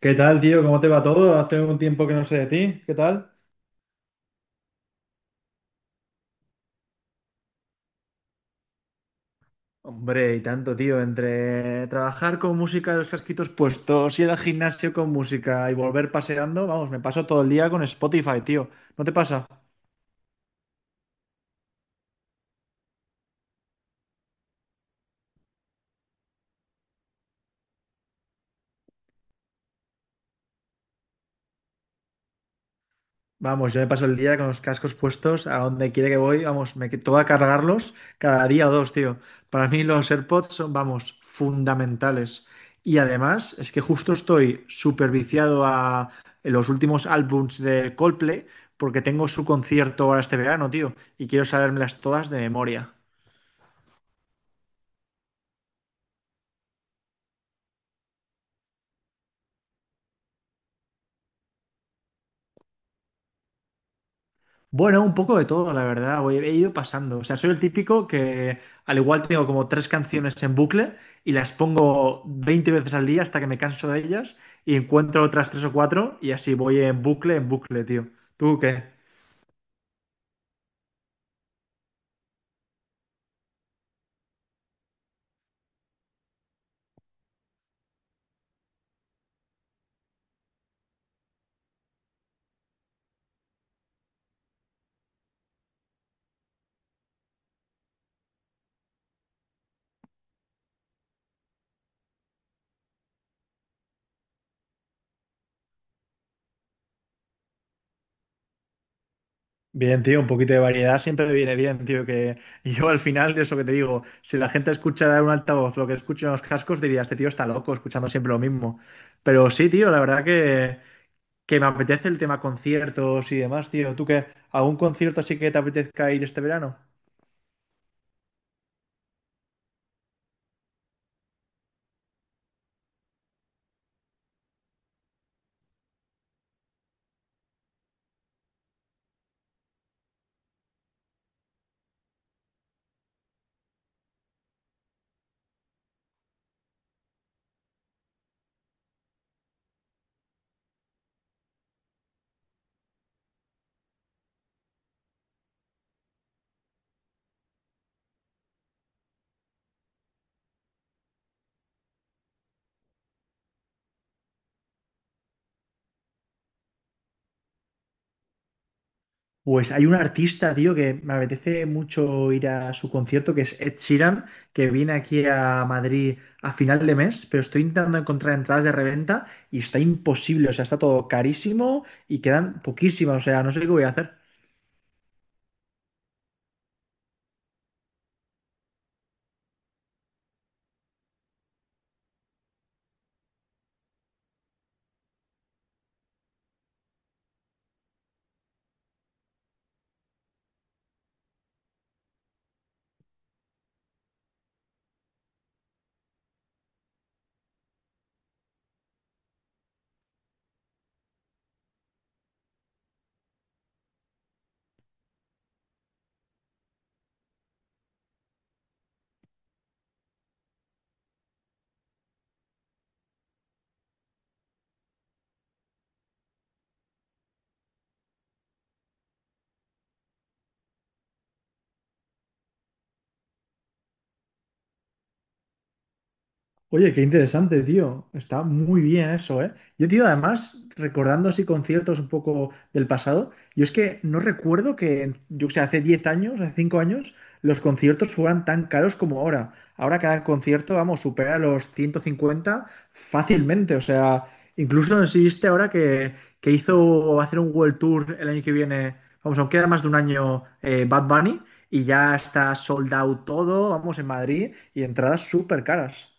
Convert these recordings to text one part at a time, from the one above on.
¿Qué tal, tío? ¿Cómo te va todo? Hace un tiempo que no sé de ti. ¿Qué tal? Hombre, y tanto, tío, entre trabajar con música los casquitos puestos, ir al gimnasio con música y volver paseando, vamos, me paso todo el día con Spotify, tío. ¿No te pasa? Vamos, yo me paso el día con los cascos puestos a donde quiera que voy, vamos, toca cargarlos cada día o dos, tío. Para mí los AirPods son, vamos, fundamentales. Y además es que justo estoy súper viciado a los últimos álbums de Coldplay porque tengo su concierto ahora este verano, tío, y quiero sabérmelas todas de memoria. Bueno, un poco de todo, la verdad. He ido pasando. O sea, soy el típico que al igual tengo como tres canciones en bucle y las pongo 20 veces al día hasta que me canso de ellas y encuentro otras tres o cuatro y así voy en bucle, tío. ¿Tú qué? Bien, tío, un poquito de variedad siempre viene bien, tío, que yo al final, eso que te digo, si la gente escuchara en un altavoz lo que escucha en los cascos, diría, este tío está loco escuchando siempre lo mismo. Pero sí, tío, la verdad que me apetece el tema conciertos y demás, tío. ¿Tú qué? ¿Algún concierto así que te apetezca ir este verano? Pues hay un artista, tío, que me apetece mucho ir a su concierto, que es Ed Sheeran, que viene aquí a Madrid a final de mes, pero estoy intentando encontrar entradas de reventa y está imposible, o sea, está todo carísimo y quedan poquísimas, o sea, no sé qué voy a hacer. Oye, qué interesante, tío. Está muy bien eso, ¿eh? Yo, tío, además, recordando así conciertos un poco del pasado, yo es que no recuerdo que, yo que sé, hace 10 años, hace 5 años, los conciertos fueran tan caros como ahora. Ahora cada concierto, vamos, supera los 150 fácilmente. O sea, incluso no sé si viste ahora que hizo hacer un World Tour el año que viene, vamos, aún queda más de un año Bad Bunny, y ya está sold out todo, vamos, en Madrid, y entradas súper caras.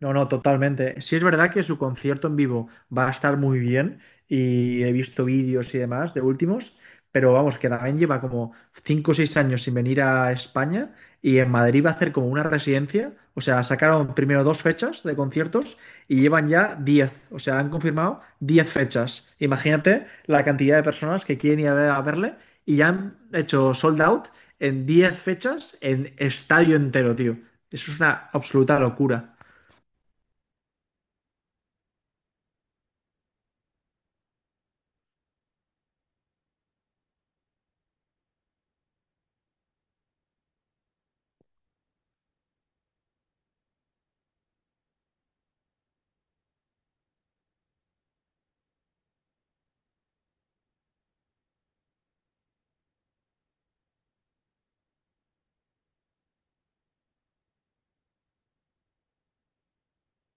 No, no, totalmente. Sí es verdad que su concierto en vivo va a estar muy bien y he visto vídeos y demás de últimos, pero vamos, que también lleva como 5 o 6 años sin venir a España y en Madrid va a hacer como una residencia, o sea, sacaron primero dos fechas de conciertos y llevan ya 10, o sea, han confirmado 10 fechas. Imagínate la cantidad de personas que quieren ir a verle y ya han hecho sold out en 10 fechas en estadio entero, tío. Eso es una absoluta locura.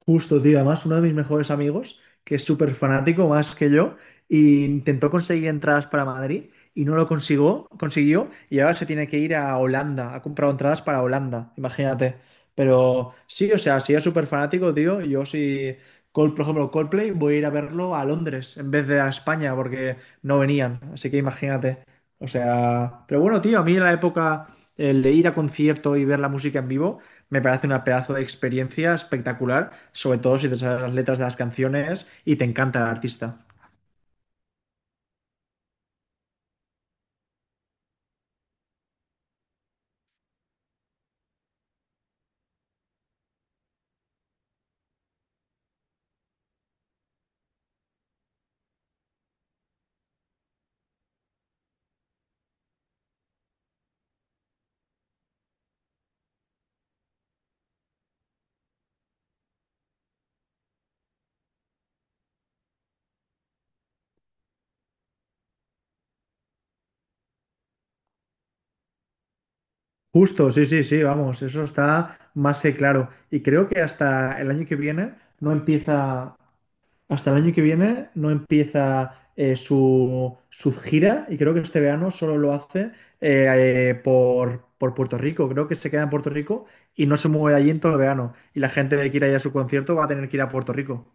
Justo, tío. Además, uno de mis mejores amigos, que es súper fanático más que yo, y intentó conseguir entradas para Madrid y no lo consiguió, consiguió y ahora se tiene que ir a Holanda. Ha comprado entradas para Holanda, imagínate. Pero sí, o sea, si es súper fanático, tío, yo sí, por ejemplo, Coldplay, voy a ir a verlo a Londres en vez de a España porque no venían. Así que imagínate. O sea, pero bueno, tío, a mí la época, el de ir a concierto y ver la música en vivo. Me parece una pedazo de experiencia espectacular, sobre todo si te sabes las letras de las canciones y te encanta el artista. Justo, sí, sí, sí, vamos, eso está más que claro. Y creo que hasta el año que viene no empieza, hasta el año que viene no empieza su, gira y creo que este verano solo lo hace por Puerto Rico. Creo que se queda en Puerto Rico y no se mueve de allí en todo el verano. Y la gente que quiera ir a su concierto va a tener que ir a Puerto Rico.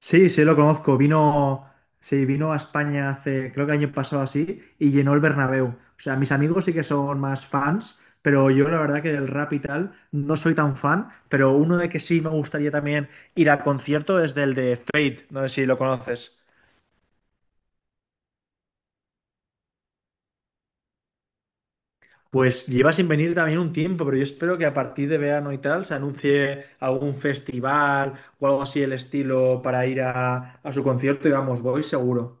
Sí, sí, lo conozco. Vino, sí, vino a España hace, creo que año pasado así, y llenó el Bernabéu. O sea, mis amigos sí que son más fans, pero yo la verdad que del rap y tal no soy tan fan, pero uno de que sí me gustaría también ir a concierto es del de Fate, no sé si lo conoces. Pues lleva sin venir también un tiempo, pero yo espero que a partir de verano y tal se anuncie algún festival o algo así el estilo para ir a su concierto y vamos, voy seguro.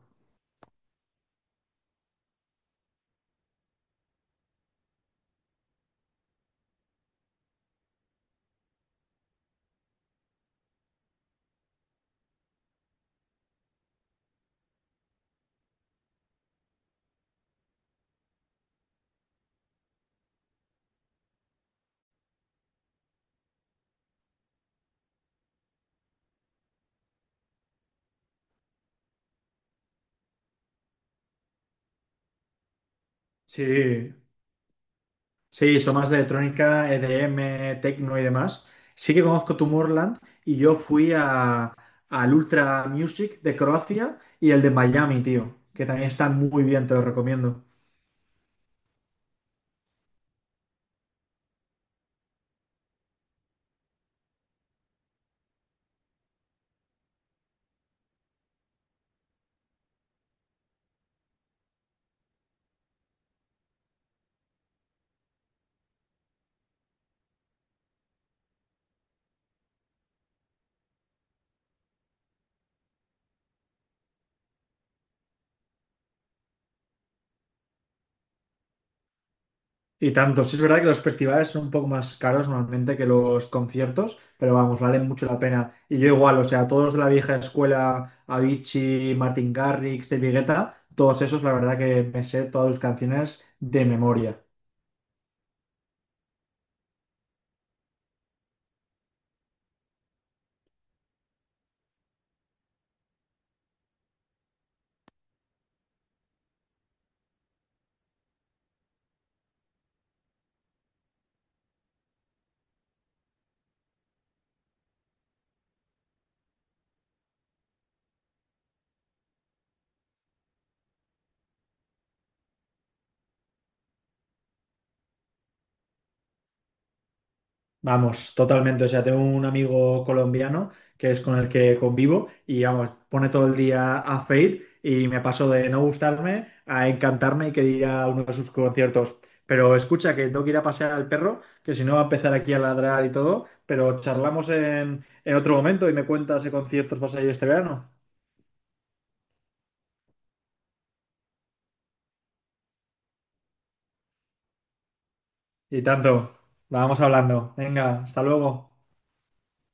Sí, sí, son más de electrónica, EDM, techno y demás. Sí que conozco Tomorrowland y yo fui al Ultra Music de Croacia y el de Miami, tío, que también están muy bien, te lo recomiendo. Y tanto, sí es verdad que los festivales son un poco más caros normalmente que los conciertos, pero vamos, valen mucho la pena. Y yo igual, o sea, todos de la vieja escuela, Avicii, Martin Garrix, David Guetta, todos esos, la verdad que me sé todas sus canciones de memoria. Vamos, totalmente. O sea, tengo un amigo colombiano que es con el que convivo y vamos, pone todo el día a Fade y me paso de no gustarme a encantarme y querer ir a uno de sus conciertos. Pero escucha que tengo que ir a pasear al perro, que si no va a empezar aquí a ladrar y todo, pero charlamos en otro momento y me cuentas qué conciertos vas a ir este verano. Y tanto, vamos hablando. Venga, hasta luego.